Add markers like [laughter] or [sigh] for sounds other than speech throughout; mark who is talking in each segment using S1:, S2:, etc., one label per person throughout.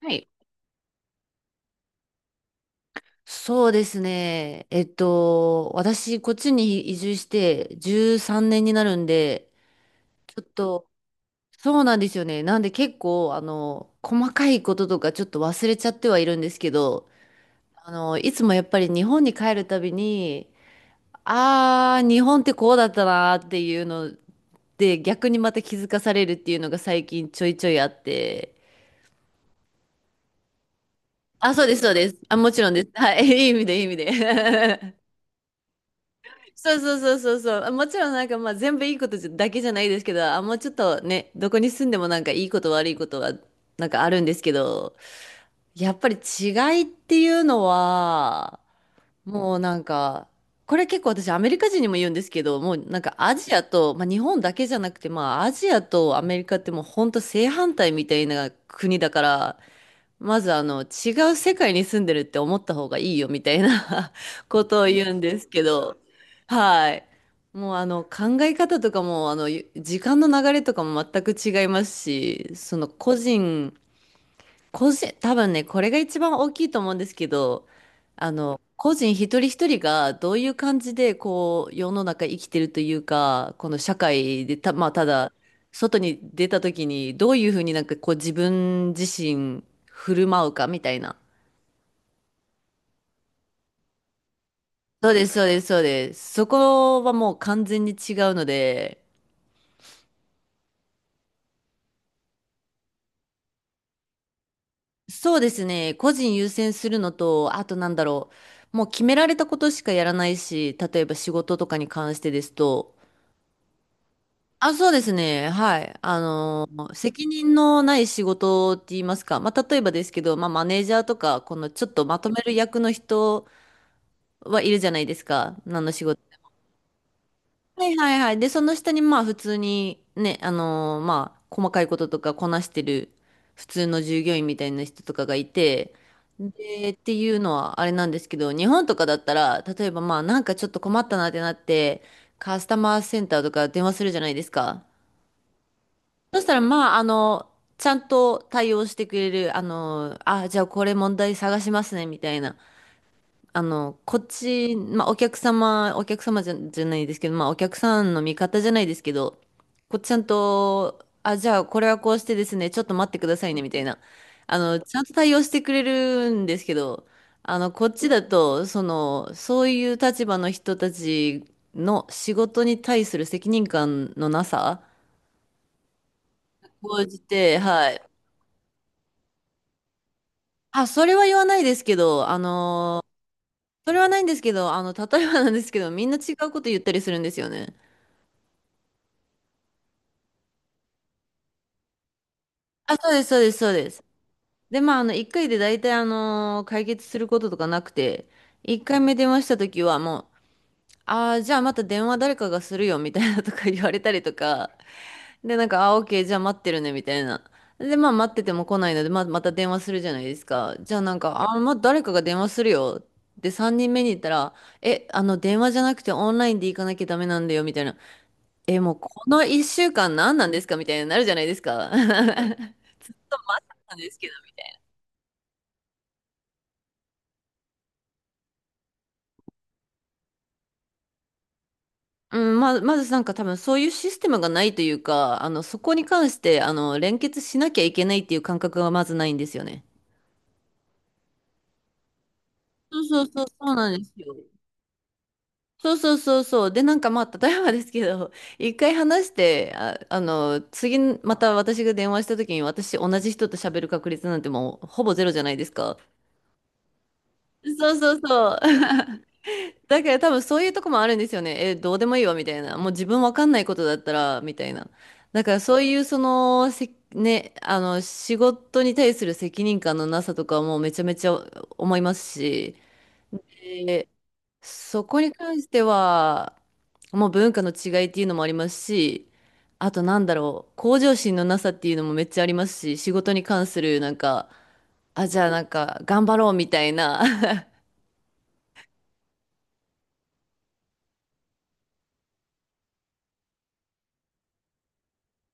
S1: はい。そうですね。私、こっちに移住して13年になるんで、ちょっと、そうなんですよね。なんで結構、細かいこととかちょっと忘れちゃってはいるんですけど、いつもやっぱり日本に帰るたびに、日本ってこうだったなーっていうので、逆にまた気づかされるっていうのが最近ちょいちょいあって、あ、そうです、そうです。あ、もちろんです。はい、[laughs] いい意味で、いい意味で。[laughs] そうそうそうそうそう。もちろんなんかまあ全部いいことじゃだけじゃないですけど、あ、もうちょっとね、どこに住んでもなんかいいこと悪いことはなんかあるんですけど、やっぱり違いっていうのは、もうなんか、これ結構私アメリカ人にも言うんですけど、もうなんかアジアと、まあ日本だけじゃなくて、まあアジアとアメリカってもう本当正反対みたいな国だから、まず違う世界に住んでるって思った方がいいよみたいな [laughs] ことを言うんですけど、はい。もう考え方とかもあのゆ時間の流れとかも全く違いますし、その個人、多分ね、これが一番大きいと思うんですけど、個人一人一人がどういう感じで、こう、世の中生きてるというか、この社会でた、まあ、ただ、外に出た時に、どういうふうになんかこう、自分自身振る舞うかみたいな。そうです、そうです、そうです。そこはもう完全に違うので、そうですね、個人優先するのと、あとなんだろう、もう決められたことしかやらないし、例えば仕事とかに関してですと、あ、そうですね。はい。責任のない仕事って言いますか。まあ、例えばですけど、まあ、マネージャーとか、このちょっとまとめる役の人はいるじゃないですか。何の仕事。はいはいはい。で、その下に、まあ、普通にね、まあ、細かいこととかこなしてる普通の従業員みたいな人とかがいて、で、っていうのはあれなんですけど、日本とかだったら、例えばまあ、なんかちょっと困ったなってなって、カスタマーセンターとか電話するじゃないですか。そしたら、まあ、ちゃんと対応してくれる、あ、じゃあこれ問題探しますね、みたいな。こっち、まあ、お客様、お客様じゃ、じゃないですけど、まあ、お客さんの味方じゃないですけど、こっちゃんと、あ、じゃあこれはこうしてですね、ちょっと待ってくださいね、みたいな。ちゃんと対応してくれるんですけど、こっちだと、その、そういう立場の人たちの仕事に対する責任感のなさ、応じて、はいあ、それは言わないですけど、それはないんですけど、例えばなんですけど、みんな違うこと言ったりするんですよね。あ、そうです、そうです、そうです。で、まあ、あの、1回で大体、解決することとかなくて、1回目電話した時はもう、ああ、じゃあまた電話誰かがするよ、みたいなとか言われたりとか、で、なんか、あ、オッケー、じゃあ待ってるね、みたいな。で、まあ待ってても来ないので、まあ、また電話するじゃないですか。じゃあなんか、あ、まあ誰かが電話するよ。で、3人目に行ったら、え、電話じゃなくてオンラインで行かなきゃダメなんだよ、みたいな。え、もうこの1週間何なんですかみたいになるじゃないですか。[laughs] ずっとなんですけど。うん、まずなんか多分そういうシステムがないというか、そこに関して、連結しなきゃいけないっていう感覚がまずないんですよね。そうそうそう、そうなんですよ。そうそうそうそう。で、なんかまあ、例えばですけど、[laughs] 一回話して、あ、次、また私が電話した時に、私、同じ人と喋る確率なんてもう、ほぼゼロじゃないですか。そうそうそう。[laughs] だから多分そういうとこもあるんですよね。え、どうでもいいわ、みたいな。もう自分わかんないことだったら、みたいな。だからそういう、その、せ、ね、あの、仕事に対する責任感のなさとかもうめちゃめちゃ思いますし、そこに関しては、もう文化の違いっていうのもありますし、あとなんだろう、向上心のなさっていうのもめっちゃありますし、仕事に関するなんか、あ、じゃあなんか頑張ろうみたいな。[laughs]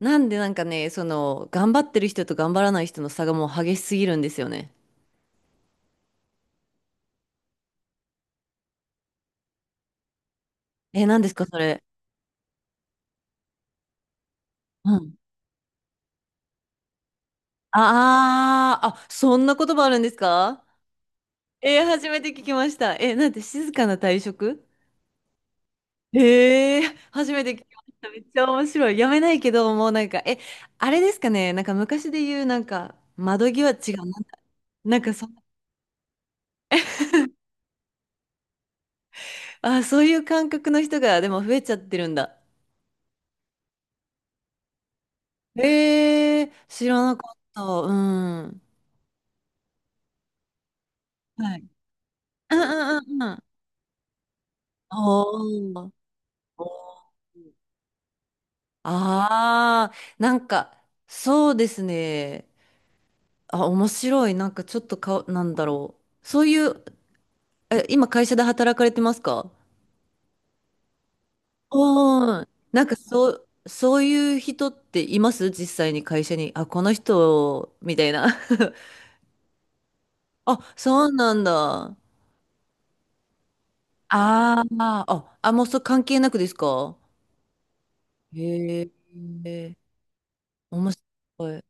S1: なんでなんかね、その、頑張ってる人と頑張らない人の差がもう激しすぎるんですよね。え、何ですか、それ。うん。ああ、あ、そんな言葉あるんですか？えー初めて聞きました。え、なんて静かな退職？へえ、初めて聞きました。めっちゃ面白い。やめないけど、もうなんか、え、あれですかね、なんか昔で言う、なんか、窓際違う、なんなんかそ、あ、そういう感覚の人が、でも増えちゃってるんだ。へえ、知らなかった。うん。はい。うんうんうんうん。おー。ああ、なんか、そうですね。あ、面白い。なんかちょっとか、なんだろう。そういう、え、今会社で働かれてますか？うん。なんかそう、そういう人っています実際に会社に。あ、この人、みたいな。[laughs] あ、そうなんだ。あーあ、あ、もうそれ関係なくですか？へえ、面白い。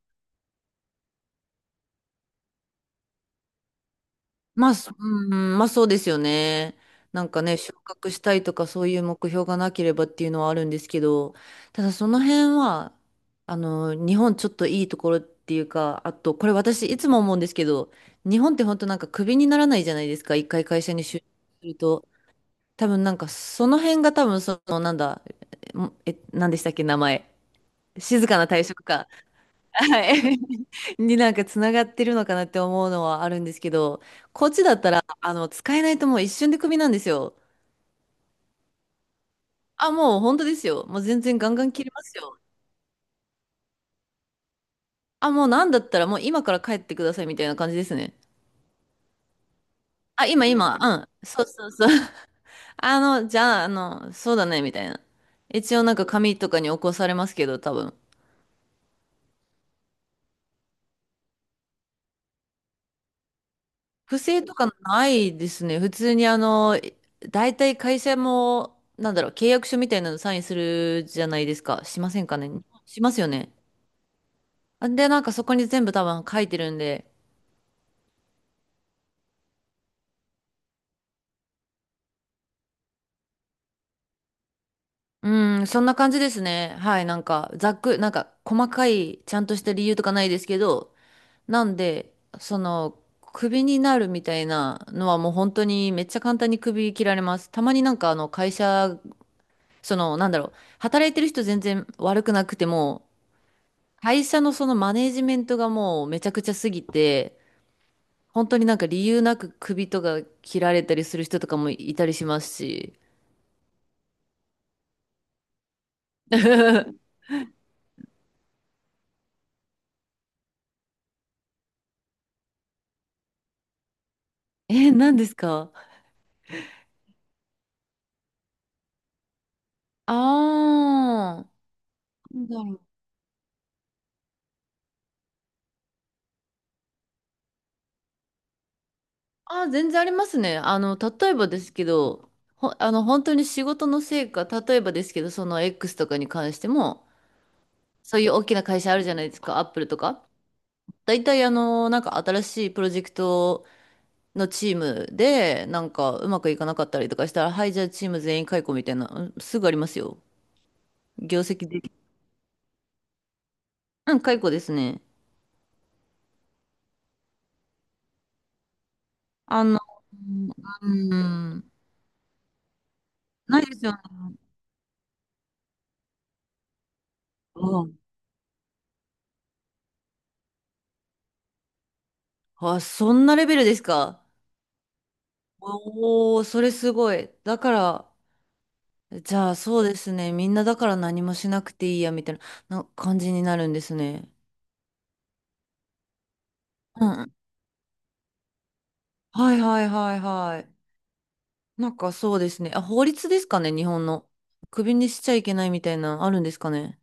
S1: まあ、そうん、まあそうですよね。なんかね、昇格したいとかそういう目標がなければっていうのはあるんですけど、ただその辺は、日本ちょっといいところっていうか、あと、これ私いつも思うんですけど、日本って本当なんかクビにならないじゃないですか、一回会社に就職すると。多分なんかその辺が多分その、なんだ、え、えなんでしたっけ、名前。静かな退職か。はい。[laughs] になんかつながってるのかなって思うのはあるんですけど、こっちだったら、使えないともう一瞬でクビなんですよ。あ、もう本当ですよ。もう全然ガンガン切りますよ。あ、もうなんだったらもう今から帰ってくださいみたいな感じですね。あ、今今、うん。そうそうそう。[laughs] じゃあ、そうだね、みたいな。一応なんか紙とかに起こされますけど、多分。不正とかないですね。普通に大体会社も、なんだろう、契約書みたいなのサインするじゃないですか。しませんかね。しますよね。あで、なんかそこに全部多分書いてるんで。うん、そんな感じですね。はい、なんか、ざっく、なんか、細かい、ちゃんとした理由とかないですけど、なんで、その、クビになるみたいなのはもう本当にめっちゃ簡単にクビ切られます。たまになんかあの会社、その、なんだろう、働いてる人全然悪くなくても、会社のそのマネージメントがもうめちゃくちゃすぎて、本当になんか理由なく首とか切られたりする人とかもいたりしますし。[laughs] え、何ですか？ああー、なんだろう。あー、全然ありますね。例えばですけど、ほ、あの、本当に仕事の成果、例えばですけど、その X とかに関しても、そういう大きな会社あるじゃないですか、アップルとか。大体あの、なんか新しいプロジェクトのチームで、なんかうまくいかなかったりとかしたら、はい、じゃあチーム全員解雇みたいな、うんすぐありますよ。業績でき、うん、解雇ですね。あの、うん、ないですよね。うん。あ、そんなレベルですか。おー、それすごい。だから、じゃあそうですね。みんなだから何もしなくていいや、みたいな、な感じになるんですね。うん。はいはいはいはい。なんかそうですね。あ、法律ですかね、日本の。クビにしちゃいけないみたいなのあるんですかね。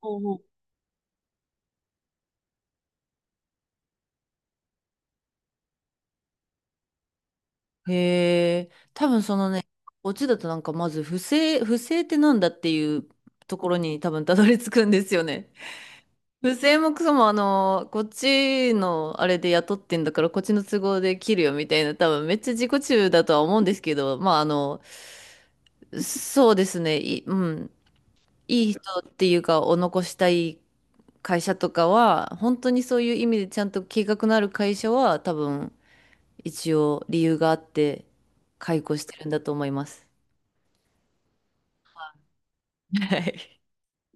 S1: おうおへえ、多分そのね、オチだとなんかまず不正、不正ってなんだっていうところに多分たどり着くんですよね。不正もクソもこっちのあれで雇ってんだからこっちの都合で切るよみたいな、多分めっちゃ自己中だとは思うんですけど、そうですね、い、うん、いい人っていうかを残したい会社とかは、本当にそういう意味でちゃんと計画のある会社は、多分、一応理由があって、解雇してるんだと思います。はい